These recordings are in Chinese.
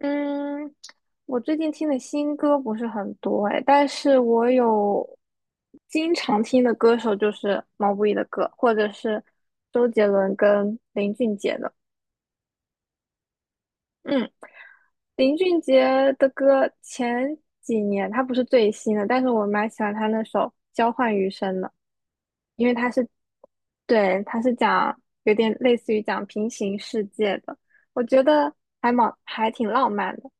嗯，我最近听的新歌不是很多哎，但是我有经常听的歌手就是毛不易的歌，或者是周杰伦跟林俊杰的。嗯，林俊杰的歌前几年他不是最新的，但是我蛮喜欢他那首《交换余生》的。因为他是，对，他是讲有点类似于讲平行世界的，我觉得还挺浪漫的。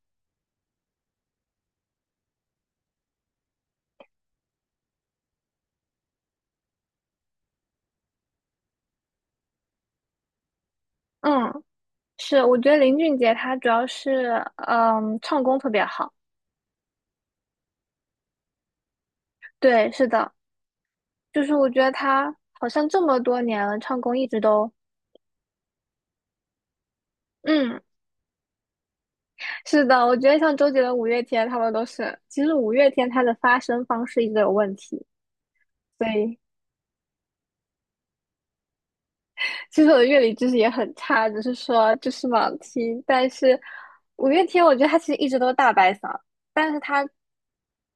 嗯。是，我觉得林俊杰他主要是唱功特别好。对，是的，就是我觉得他好像这么多年了，唱功一直都嗯。是的，我觉得像周杰伦、五月天他们都是，其实五月天他的发声方式一直有问题，所以其实我的乐理知识也很差，只是说就是盲听，但是五月天我觉得他其实一直都是大白嗓，但是他。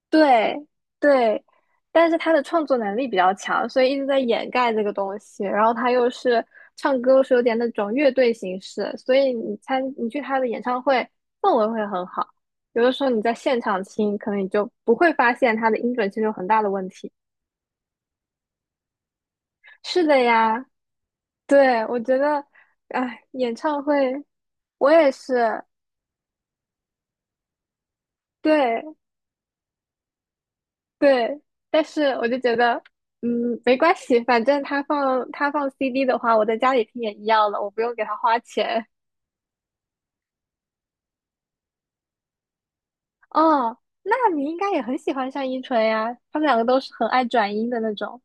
对对，但是他的创作能力比较强，所以一直在掩盖这个东西。然后他又是唱歌，是有点那种乐队形式，所以你去他的演唱会氛围会很好。有的时候你在现场听，可能你就不会发现他的音准其实有很大的问题。是的呀，对，我觉得，哎，演唱会我也是。对， 对，但是我就觉得，嗯，没关系，反正他放 CD 的话，我在家里听也一样了，我不用给他花钱。哦，那你应该也很喜欢单依纯呀，他们两个都是很爱转音的那种，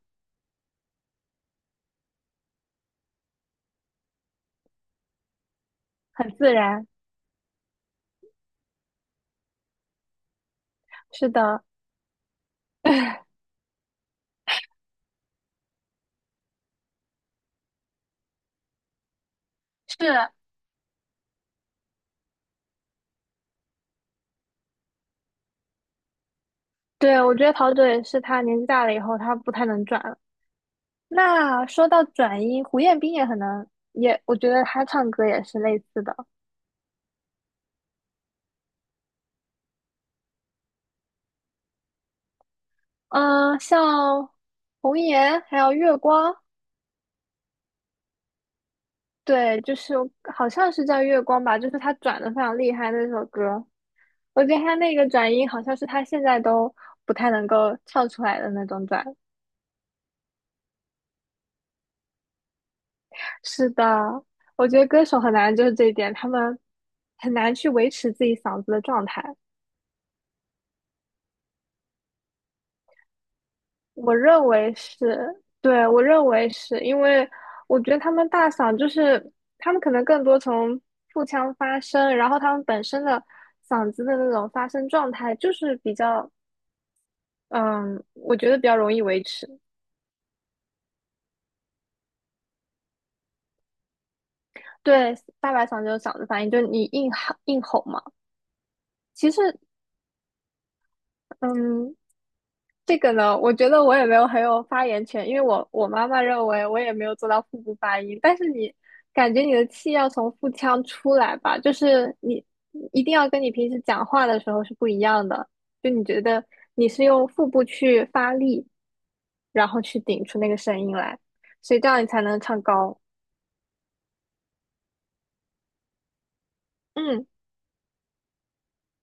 很自然。是的，是，对，我觉得陶喆也是，他年纪大了以后，他不太能转了。那说到转音，胡彦斌也很能，我觉得他唱歌也是类似的。嗯、像红颜还有月光。对，就是好像是叫月光吧，就是他转的非常厉害那首歌，我觉得他那个转音好像是他现在都不太能够唱出来的那种转。是的，我觉得歌手很难就是这一点，他们很难去维持自己嗓子的状态。我认为是，对，我认为是因为我觉得他们大嗓就是他们可能更多从腹腔发声，然后他们本身的嗓子的那种发声状态就是比较嗯，我觉得比较容易维持。对，大白嗓就是嗓子发音，就是你硬吼嘛。其实，嗯，这个呢，我觉得我也没有很有发言权，因为我妈妈认为我也没有做到腹部发音。但是你感觉你的气要从腹腔出来吧，就是你一定要跟你平时讲话的时候是不一样的。就你觉得你是用腹部去发力，然后去顶出那个声音来，所以这样你才能唱高。嗯。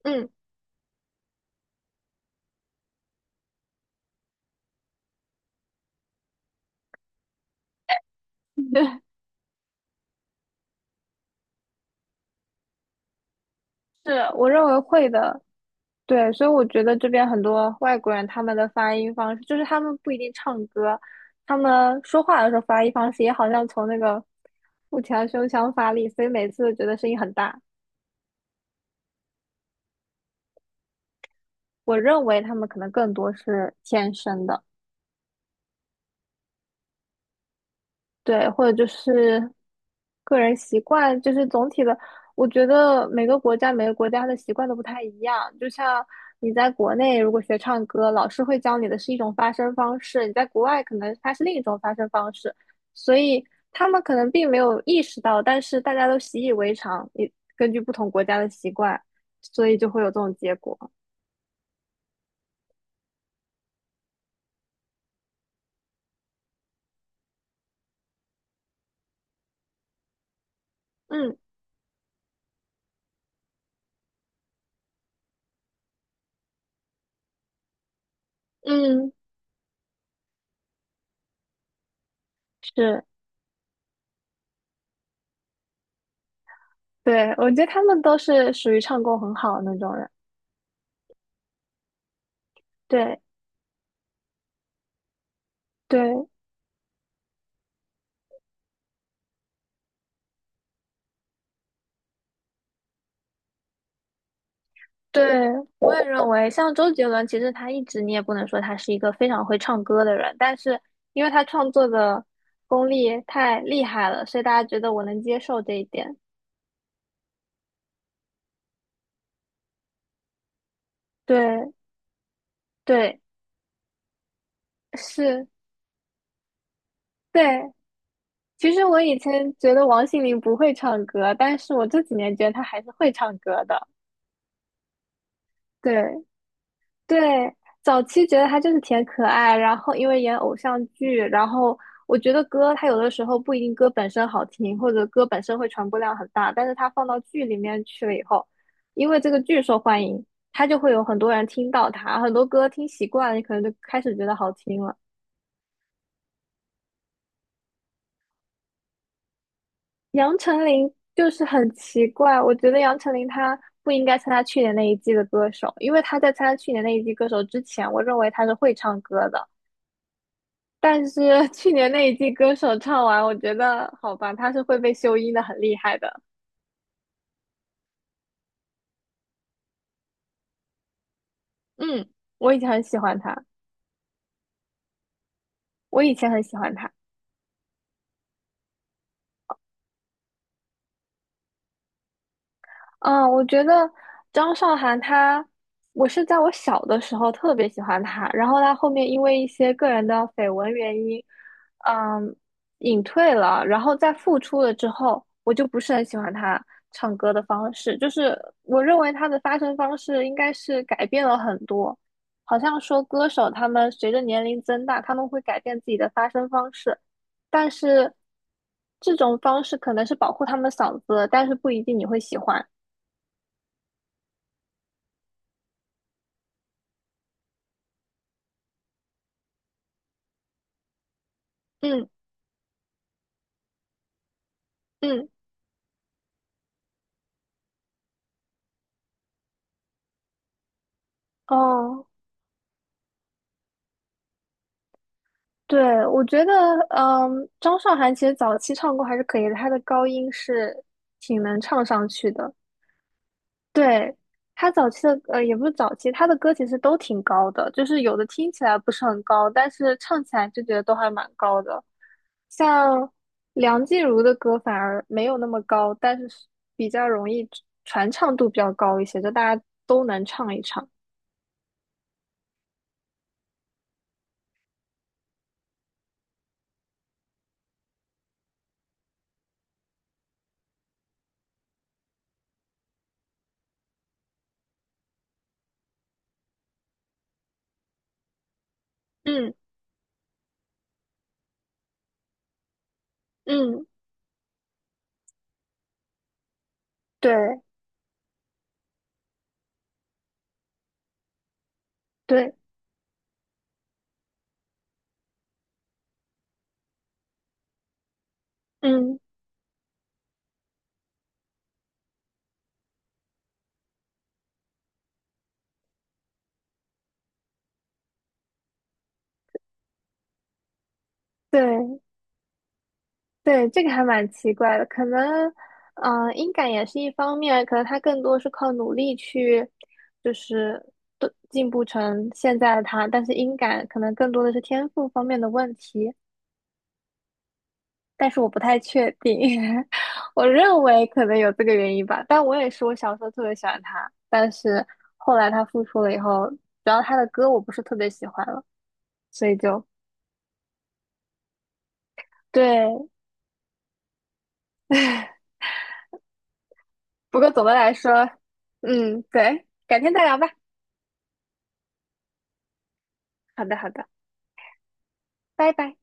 嗯，是，我认为会的。对，所以我觉得这边很多外国人他们的发音方式，就是他们不一定唱歌，他们说话的时候发音方式也好像从那个腹腔胸腔发力，所以每次都觉得声音很大。我认为他们可能更多是天生的。对，或者就是个人习惯，就是总体的，我觉得每个国家的习惯都不太一样。就像你在国内如果学唱歌，老师会教你的是一种发声方式，你在国外可能它是另一种发声方式，所以他们可能并没有意识到，但是大家都习以为常。你根据不同国家的习惯，所以就会有这种结果。嗯。嗯，是，对，我觉得他们都是属于唱功很好的那种人。对。对。对，我也认为，像周杰伦，其实他一直你也不能说他是一个非常会唱歌的人，但是因为他创作的功力太厉害了，所以大家觉得我能接受这一点。对。对，是，对。其实我以前觉得王心凌不会唱歌，但是我这几年觉得她还是会唱歌的。对，对，早期觉得他就是挺可爱，然后因为演偶像剧，然后我觉得歌他有的时候不一定歌本身好听，或者歌本身会传播量很大，但是他放到剧里面去了以后，因为这个剧受欢迎，他就会有很多人听到他，很多歌听习惯了，你可能就开始觉得好听了。杨丞琳就是很奇怪，我觉得杨丞琳她不应该参加去年那一季的歌手，因为她在参加去年那一季歌手之前，我认为她是会唱歌的。但是 去年那一季歌手唱完，我觉得好吧，他是会被修音的，很厉害的。嗯，我以前很喜欢他。我以前很喜欢他。嗯，我觉得张韶涵她，我是在我小的时候特别喜欢她，然后她后面因为一些个人的绯闻原因，嗯，隐退了，然后再复出了之后，我就不是很喜欢她唱歌的方式，就是我认为她的发声方式应该是改变了很多，好像说歌手他们随着年龄增大，他们会改变自己的发声方式，但是这种方式可能是保护他们嗓子，但是不一定你会喜欢。嗯。嗯。哦，对，我觉得，张韶涵其实早期唱歌还是可以的，她的高音是挺能唱上去的。对，她早期的，也不是早期，她的歌其实都挺高的，就是有的听起来不是很高，但是唱起来就觉得都还蛮高的。像梁静茹的歌反而没有那么高，但是是比较容易传唱度比较高一些，就大家都能唱一唱。嗯。嗯，对。对，嗯对。对，这个还蛮奇怪的，可能，音感也是一方面，可能他更多是靠努力去，就是都进步成现在的他，但是音感可能更多的是天赋方面的问题，但是我不太确定，我认为可能有这个原因吧，但我也是我小时候特别喜欢他，但是后来他复出了以后，主要他的歌我不是特别喜欢了，所以就对，不过总的来说，嗯，对，改天再聊吧，好的，好的，拜拜。